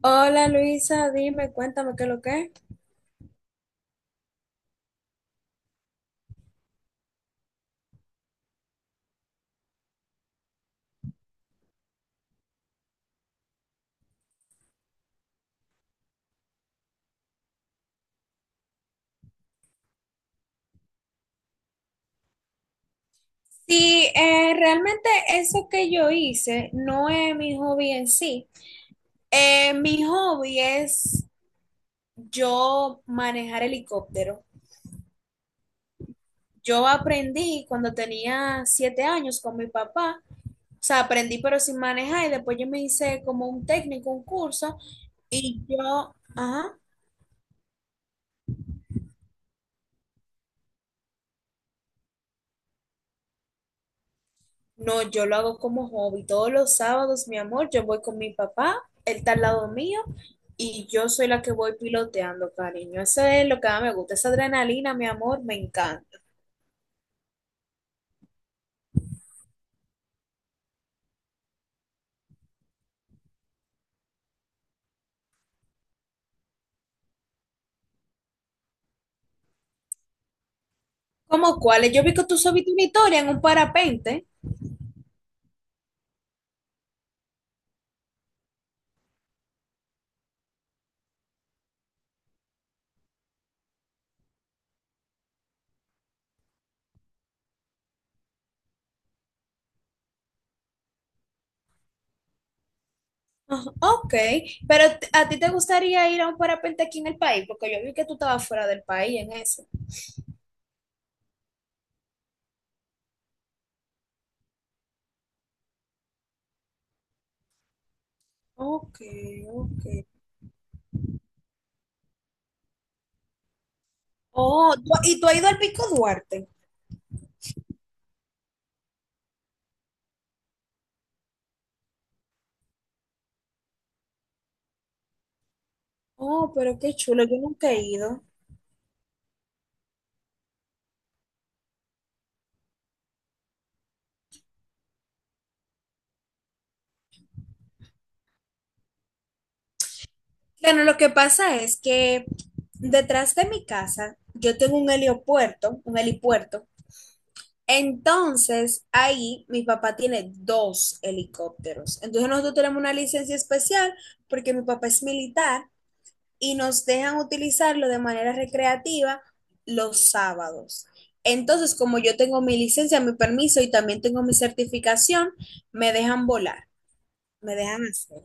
Hola Luisa, dime, cuéntame qué es lo que es. Sí, realmente eso que yo hice no es mi hobby en sí. Mi hobby es yo manejar helicóptero. Yo aprendí cuando tenía 7 años con mi papá. O sea, aprendí pero sin manejar y después yo me hice como un técnico, un curso y yo, ajá. No, yo lo hago como hobby. Todos los sábados, mi amor, yo voy con mi papá, él está al lado mío y yo soy la que voy piloteando, cariño. Eso es lo que más me gusta, esa adrenalina, mi amor, me encanta. ¿Cómo cuáles? Yo vi que tú subiste una historia en un parapente. Ah, ok, pero ¿a ti te gustaría ir a un parapente aquí en el país? Porque yo vi que tú estabas fuera del país en eso. Ok, ok. Oh, ¿y tú has ido al Pico Duarte? Oh, pero qué chulo, yo nunca he ido. Bueno, lo que pasa es que detrás de mi casa yo tengo un helipuerto. Entonces, ahí mi papá tiene 2 helicópteros. Entonces, nosotros tenemos una licencia especial porque mi papá es militar y nos dejan utilizarlo de manera recreativa los sábados. Entonces, como yo tengo mi licencia, mi permiso y también tengo mi certificación, me dejan volar, me dejan hacer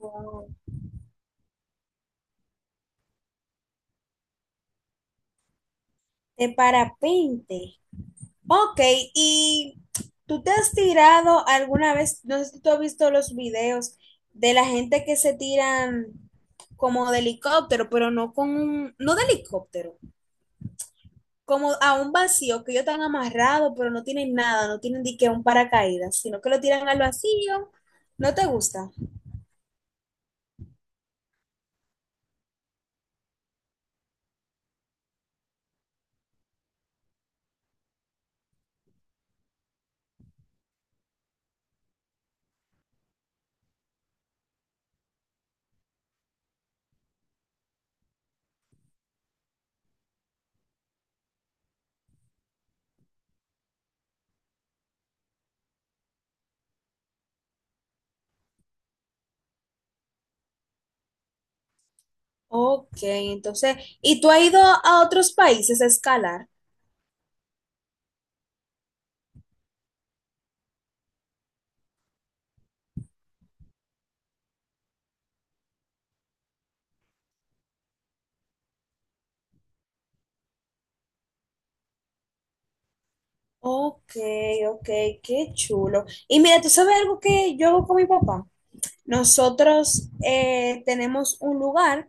oh, de parapente. Ok, y tú te has tirado alguna vez, no sé si tú has visto los videos de la gente que se tiran como de helicóptero, pero no de helicóptero, como a un vacío que ellos están amarrados, pero no tienen nada, no tienen ni que un paracaídas, sino que lo tiran al vacío. ¿No te gusta? Ok, entonces, ¿y tú has ido a otros países a escalar? Ok, ok, qué chulo. Y mira, ¿tú sabes algo que yo hago con mi papá? Nosotros tenemos un lugar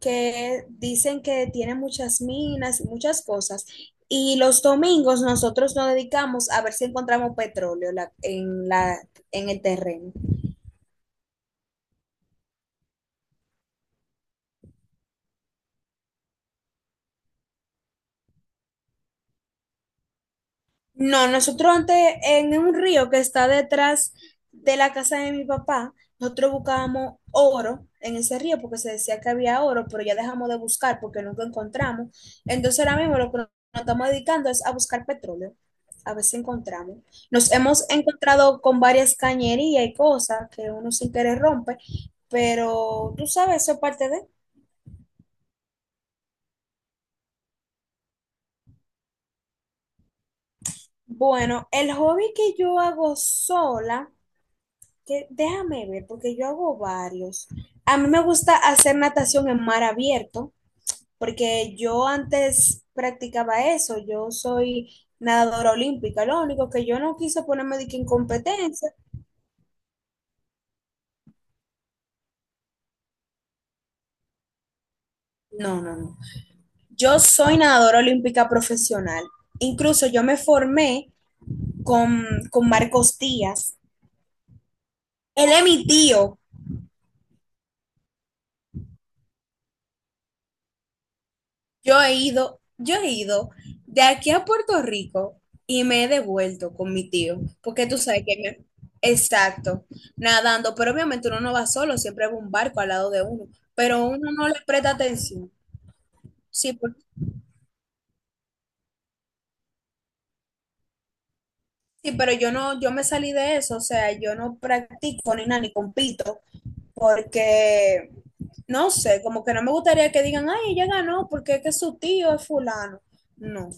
que dicen que tiene muchas minas y muchas cosas. Y los domingos nosotros nos dedicamos a ver si encontramos petróleo en el terreno. No, nosotros antes en un río que está detrás de la casa de mi papá, nosotros buscábamos oro en ese río porque se decía que había oro, pero ya dejamos de buscar porque nunca encontramos. Entonces ahora mismo lo que nos estamos dedicando es a buscar petróleo, a ver si encontramos. Nos hemos encontrado con varias cañerías y cosas que uno sin querer rompe, pero tú sabes, eso es parte de... Bueno, el hobby que yo hago sola, que déjame ver, porque yo hago varios. A mí me gusta hacer natación en mar abierto, porque yo antes practicaba eso. Yo soy nadadora olímpica, lo único que yo no quise ponerme de que en competencia. No, no, no. Yo soy nadadora olímpica profesional. Incluso yo me formé con, con Marcos Díaz. Él es mi tío. Yo he ido de aquí a Puerto Rico y me he devuelto con mi tío, porque tú sabes que exacto, nadando, pero obviamente uno no va solo, siempre va un barco al lado de uno, pero uno no le presta atención. Sí, por- sí, pero yo no, yo me salí de eso, o sea, yo no practico ni nada, ni compito, porque no sé, como que no me gustaría que digan, ay, ella ganó porque es que su tío es fulano. No.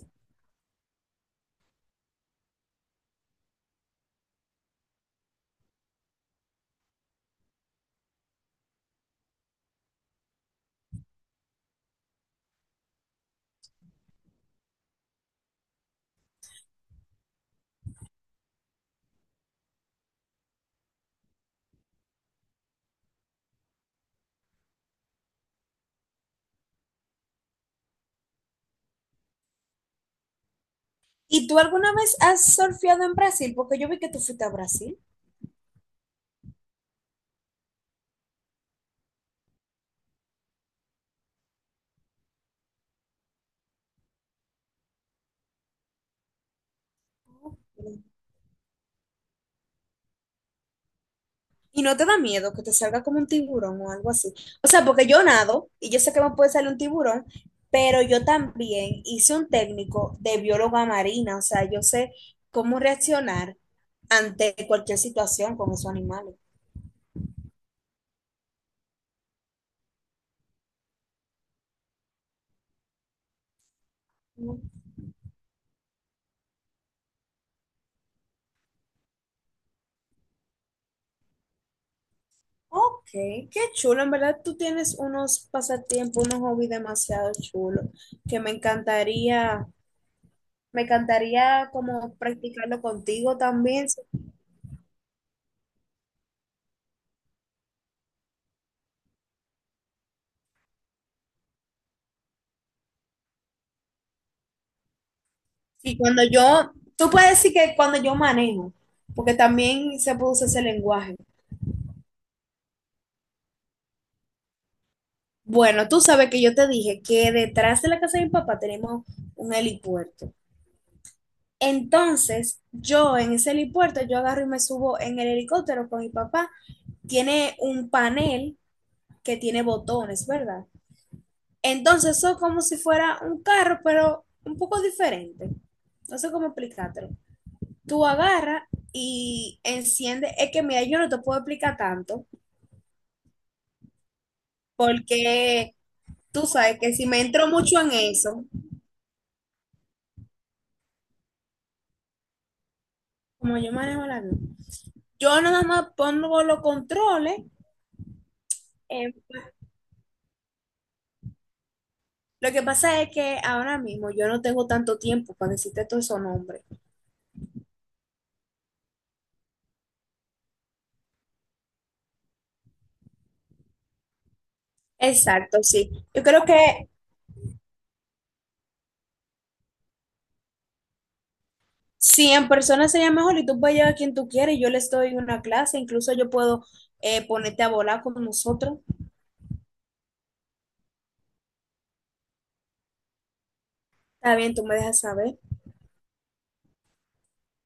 ¿Y tú alguna vez has surfeado en Brasil? Porque yo vi que tú fuiste a Brasil. ¿Y no te da miedo que te salga como un tiburón o algo así? O sea, porque yo nado y yo sé que me puede salir un tiburón, pero yo también hice un técnico de bióloga marina. O sea, yo sé cómo reaccionar ante cualquier situación con esos animales. Ok, qué chulo. En verdad, tú tienes unos pasatiempos, unos hobbies demasiado chulos que me encantaría como practicarlo contigo también. Y cuando yo, tú puedes decir que cuando yo manejo, porque también se produce ese lenguaje. Bueno, tú sabes que yo te dije que detrás de la casa de mi papá tenemos un helipuerto. Entonces, yo en ese helipuerto, yo agarro y me subo en el helicóptero con mi papá. Tiene un panel que tiene botones, ¿verdad? Entonces, eso es como si fuera un carro, pero un poco diferente. No sé cómo explicártelo. Tú agarras y enciendes. Es que, mira, yo no te puedo explicar tanto, porque tú sabes que si me entro mucho en eso, como yo manejo la vida, yo nada más pongo los controles. eh, lo que pasa es que ahora mismo yo no tengo tanto tiempo para decirte todos esos nombres. Exacto, sí. Yo creo que si en persona sería mejor y tú puedes llevar a quien tú quieres, yo les doy una clase, incluso yo puedo ponerte a volar con nosotros. Está bien, tú me dejas saber.